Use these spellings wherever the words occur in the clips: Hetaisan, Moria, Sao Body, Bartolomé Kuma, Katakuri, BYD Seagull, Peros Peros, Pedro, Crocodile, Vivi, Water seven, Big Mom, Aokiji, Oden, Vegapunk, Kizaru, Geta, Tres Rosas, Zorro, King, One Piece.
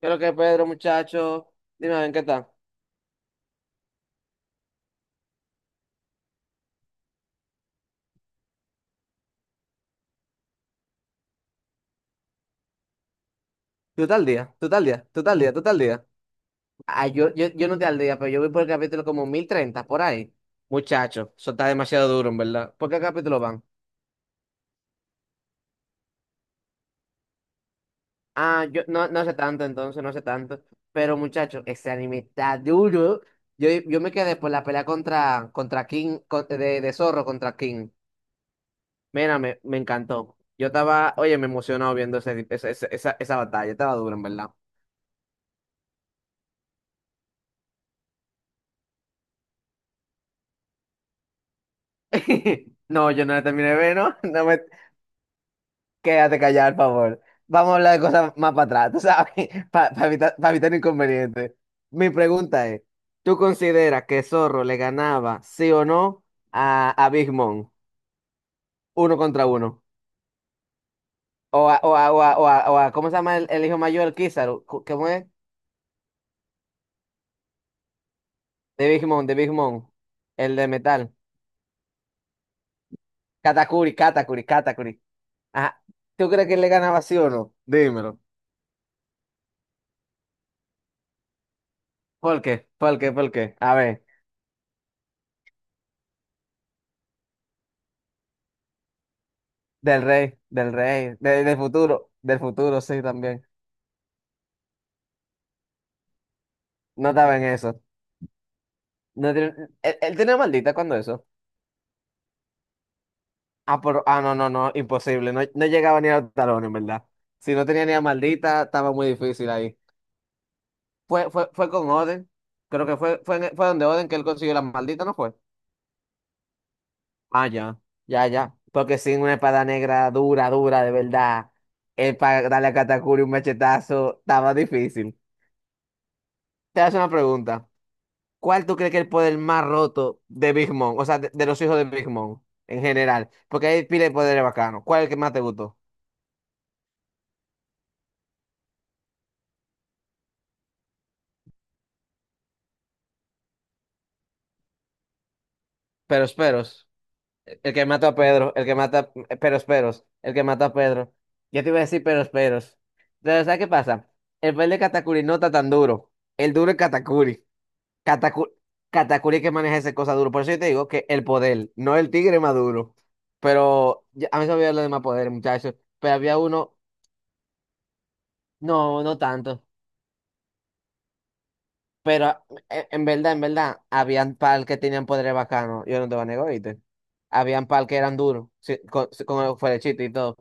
Qué es lo que Pedro, muchacho, dime a ver qué tal. Tú tal día, tú tal día, tú tal día, tú tal día. Ah, yo no estoy al día, pero yo voy por el capítulo como 1030 por ahí. Muchacho, eso está demasiado duro, en verdad. ¿Por qué capítulo van? Ah, yo no sé tanto entonces, no sé tanto. Pero muchacho, ese anime está duro. Yo me quedé por la pelea contra King, de Zorro contra King. Mira, me encantó. Yo estaba, oye, me emocionado viendo esa batalla, estaba duro, en verdad. No, yo no la terminé de ver, ¿no? No me... Quédate callado, por favor. Vamos a hablar de cosas más para atrás, tú sabes, para evitar inconvenientes. Mi pregunta es, ¿tú consideras que Zorro le ganaba, sí o no, a Big Mom, uno contra uno? O a, o a, o a, o a- o a- ¿cómo se llama el hijo mayor, Kizaru? ¿Cómo es? De Big Mom, el de metal. Katakuri, Katakuri, Katakuri. Ajá. ¿Tú crees que le ganaba sí o no? Dímelo. ¿Por qué? ¿Por qué? ¿Por qué? A ver. Del rey, del futuro, del futuro, sí, también. No estaba en eso. No tiene- él tenía maldita cuando eso. Ah, pero, no, no, no, imposible. No, no llegaba ni a los talones, en verdad. Si no tenía ni a maldita, estaba muy difícil ahí. Fue con Oden. Creo que fue donde Oden que él consiguió la maldita, ¿no fue? Ah, ya, ya, ya. Porque sin una espada negra dura, dura, de verdad, él para darle a Katakuri un machetazo, estaba difícil. Te hago una pregunta. ¿Cuál tú crees que es el poder más roto de Big Mom? O sea, de los hijos de Big Mom en general. Porque hay pila de poderes bacanos. ¿Cuál es el que más te gustó? Peros Peros. El que mata a Pedro. El que mata a Peros Peros. El que mata a Pedro. Yo te iba a decir Peros Peros. Pero ¿sabes qué pasa? El poder de Katakuri no está tan duro. El duro es Katakuri. Kataku- Katakuri que maneja esa cosa duro. Por eso yo te digo que el poder, no el tigre más duro. Pero a mí se me olvidó lo demás poder, muchachos. Pero había uno. No, no tanto. Pero en verdad, habían pal que tenían poderes bacanos. Yo no te voy a negar, ¿oíste? Habían pal que eran duros, sí, con el fuerechito y todo.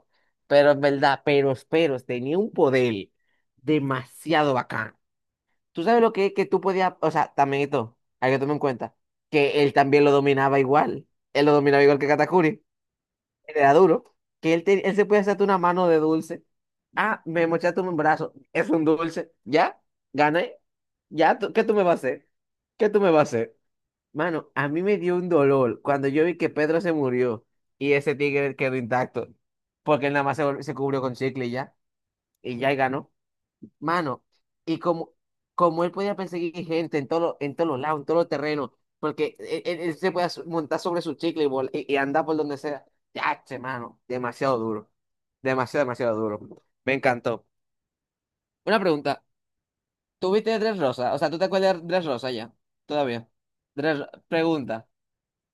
Pero en verdad, pero Peros tenía un poder demasiado bacano. ¿Tú sabes lo que es que tú podías, o sea, también esto, hay que tomar en cuenta, que él también lo dominaba igual. Él lo dominaba igual que Katakuri era duro, que él, él se puede hacerte una mano de dulce. Ah, me mochaste un brazo, es un dulce. Ya, gané. Ya, ¿qué tú me vas a hacer? ¿Qué tú me vas a hacer? Mano, a mí me dio un dolor cuando yo vi que Pedro se murió y ese tigre quedó intacto, porque él nada más se cubrió con chicle y ya, y ganó. Mano, y como él podía perseguir gente en todos los lados, en todos los terrenos, porque él se podía montar sobre su chicle y andar por donde sea. Ya, che, mano, demasiado duro. Demasiado, demasiado duro. Me encantó. Una pregunta. ¿Tuviste Tres Rosas? O sea, ¿tú te acuerdas de Tres Rosas ya? Todavía. Pregunta.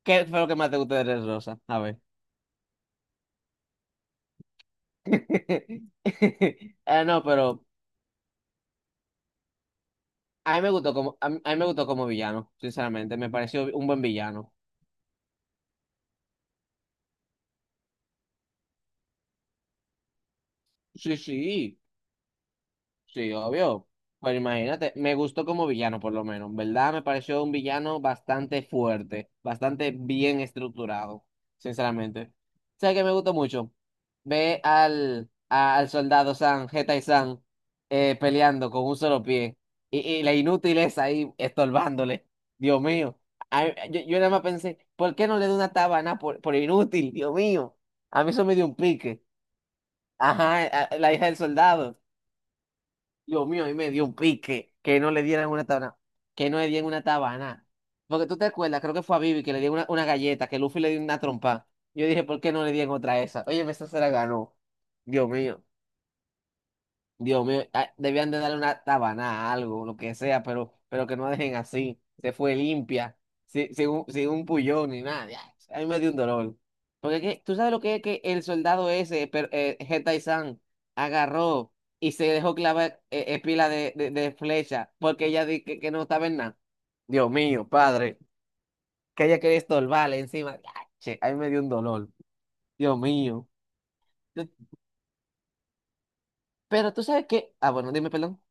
¿Qué fue lo que más te gustó de Tres Rosas? A ver. Ah, no, pero a mí me gustó como, a mí me gustó como villano, sinceramente. Me pareció un buen villano. Sí, sí. Sí, obvio. Pero imagínate, me gustó como villano por lo menos, ¿verdad? Me pareció un villano bastante fuerte, bastante bien estructurado, sinceramente. ¿Sabes que me gustó mucho? Ve al soldado San, Geta y San, peleando con un solo pie. Y la inútil es ahí estorbándole. Dios mío. Ay, yo nada más pensé, ¿por qué no le doy una tabana por inútil? Dios mío. A mí eso me dio un pique. Ajá, la hija del soldado. Dios mío, y me dio un pique que no le dieran una tabana, que no le dieran una tabana. Porque tú te acuerdas, creo que fue a Vivi que le dieron una galleta, que Luffy le dio una trompa. Yo dije, ¿por qué no le dieron otra esa? Oye, esa se la ganó. Dios mío. Dios mío, debían de darle una tabana, algo, lo que sea, pero, que no dejen así. Se fue limpia, sin un pullón ni nada. Ya, a mí me dio un dolor. Tú sabes lo que es que el soldado ese, pero, Hetaisan, agarró y se dejó clavar pila de flecha porque ella dijo que no estaba en nada. Dios mío, padre, que ella quería estorbarle encima. Ya, che, a mí me dio un dolor. Dios mío. Pero tú sabes que. Ah, bueno, dime, perdón.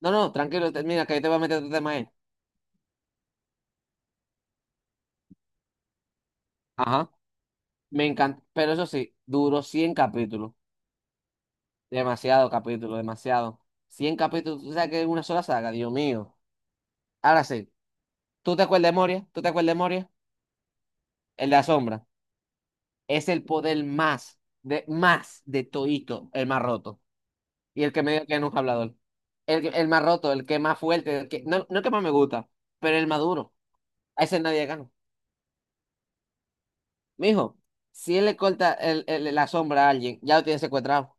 No, no, tranquilo, termina, que yo te voy a meter otro tema ahí. Ajá. Me encanta, pero eso sí, duró 100 capítulos. Demasiado capítulo, demasiado. 100 capítulos, tú sabes que es una sola saga, Dios mío. Ahora sí, ¿tú te acuerdas de Moria? ¿Tú te acuerdas de Moria? El de la sombra. Es el poder más de Toito, el más roto. Y el que medio que no es un hablador. El más roto, el que más fuerte, el que, no, no el que más me gusta, pero el más duro. A ese nadie le gana. Mijo, si él le corta el, la sombra a alguien, ya lo tiene secuestrado.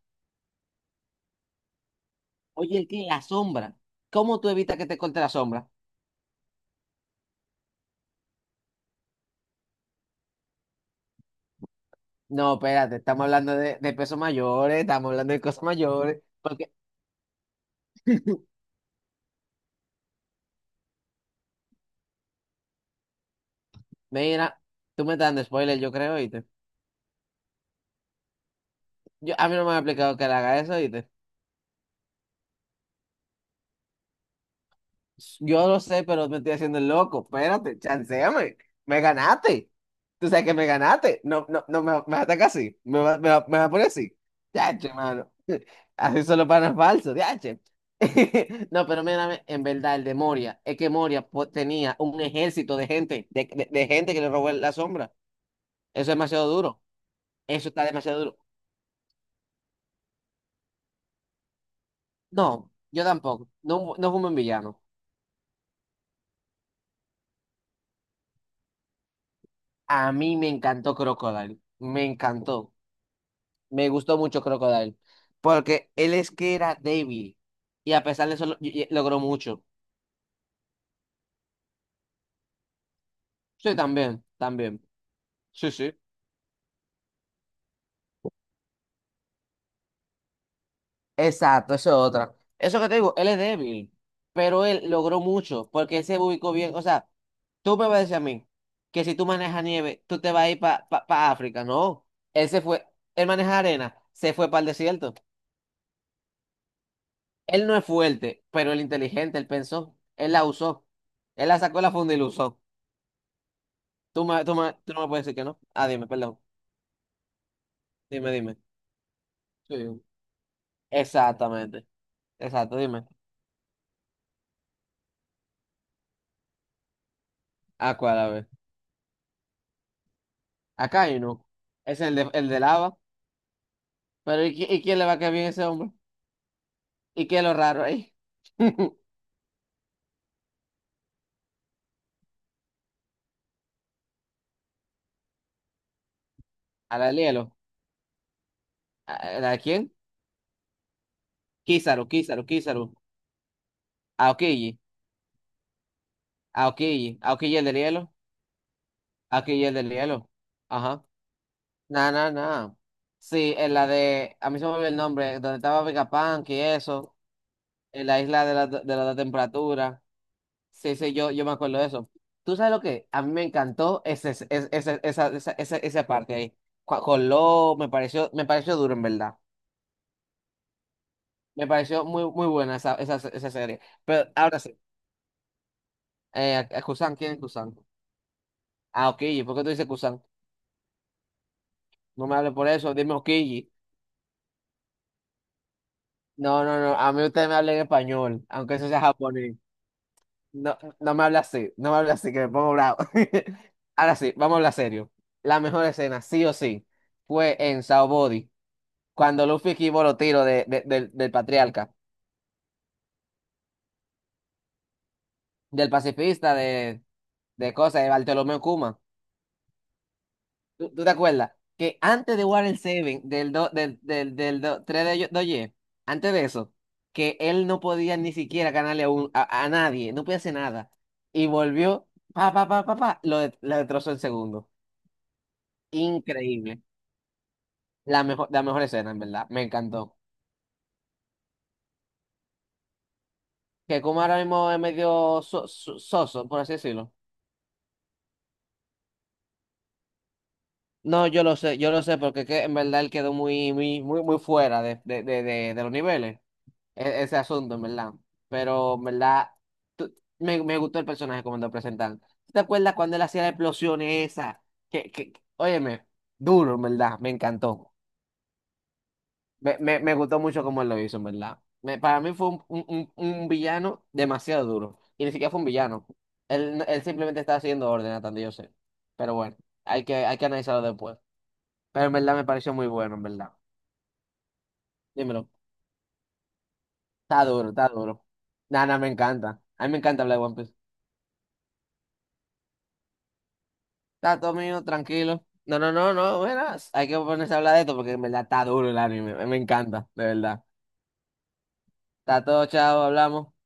Oye, el que la sombra. ¿Cómo tú evitas que te corte la sombra? No, espérate, estamos hablando de pesos mayores, estamos hablando de cosas mayores. Porque, mira, tú me estás dando spoiler, yo creo, ¿oíste? Yo, a mí no me han explicado que le haga eso, ¿oíste? Yo lo sé, pero me estoy haciendo el loco. Espérate, chanceame. Me ganaste. Tú sabes que me ganaste. No, no, no me vas a atacar así. Me vas a poner así. Yache, mano. Así solo panas falsos, yache. No, pero mírame, en verdad, el de Moria, es que Moria tenía un ejército de gente, de gente que le robó la sombra. Eso es demasiado duro. Eso está demasiado duro. No, yo tampoco. No, no fumo en villano. A mí me encantó Crocodile. Me encantó. Me gustó mucho Crocodile. Porque él es que era débil. Y a pesar de eso, logró mucho. Sí, también, también. Sí, sí. Exacto, eso es otra. Eso que te digo, él es débil, pero él logró mucho porque él se ubicó bien. O sea, tú me vas a decir a mí que si tú manejas nieve, tú te vas a ir para África. No, él se fue, él maneja arena, se fue para el desierto. Él no es fuerte, pero él inteligente, él pensó, él la usó, él la sacó de la funda y la usó. Tú no me puedes decir que no. Ah, dime, perdón. Dime, dime. Sí. Exactamente. Exacto, dime. ¿A cuál, a ver? Acá hay uno. Es el de lava. Pero ¿y quién le va a caer bien a ese hombre? ¿Y qué es lo raro ahí? A la Lielo. ¿A la quién? Kizaru, Kizaru, Kizaru. Aokiji, Aokiji. Aokiji el del hielo. Aokiji el del hielo. Ajá. Nah, nah, nah. Sí, en la de. A mí se me olvidó el nombre. Donde estaba Vegapunk y eso. En la isla de la temperatura. Sí, sí, yo me acuerdo de eso. ¿Tú sabes lo que? A mí me encantó esa parte ahí. Con lo me pareció duro, en verdad. Me pareció muy, muy buena esa serie. Pero ahora sí, eh, Kusan, ¿quién es Kusan? Ah, Okiji, ¿por qué tú dices Kusan? No me hables por eso, dime Okiji. No, no, no, a mí usted me habla en español, aunque eso sea japonés. No, no me habla así, no me habla así, que me pongo bravo. Ahora sí, vamos a hablar serio. La mejor escena, sí o sí, fue en Sao Body. Cuando Luffy esquivó los tiros del patriarca, del pacifista, de Bartolomé Kuma. ¿Tú te acuerdas? Que antes de Water seven del, do, del, del, del do- 3 de Doye, antes de eso, que él no podía ni siquiera ganarle a nadie, no podía hacer nada. Y volvió, pa, pa, pa, pa, pa, lo destrozó en segundo. Increíble. La mejor escena, en verdad. Me encantó. Que Kuma ahora mismo es medio soso, por así decirlo. No, yo lo sé, porque que, en verdad él quedó muy, muy, muy, muy fuera de los niveles, ese asunto, en verdad. Pero, en verdad, tú- me gustó el personaje como lo presentan. ¿Te acuerdas cuando él hacía las explosiones esa? Óyeme, duro, en verdad, me encantó. Me gustó mucho cómo él lo hizo, en verdad. Para mí fue un villano demasiado duro. Y ni siquiera fue un villano. Él simplemente estaba haciendo orden, hasta donde yo sé. Pero bueno, hay que analizarlo después. Pero en verdad me pareció muy bueno, en verdad. Dímelo. Está duro, está duro. Nada, me encanta. A mí me encanta hablar de One Piece. Está todo mío, tranquilo. No, no, no, no, verás. Hay que ponerse a hablar de esto porque en verdad está duro el anime. Me encanta, de verdad. Está todo, chao, hablamos.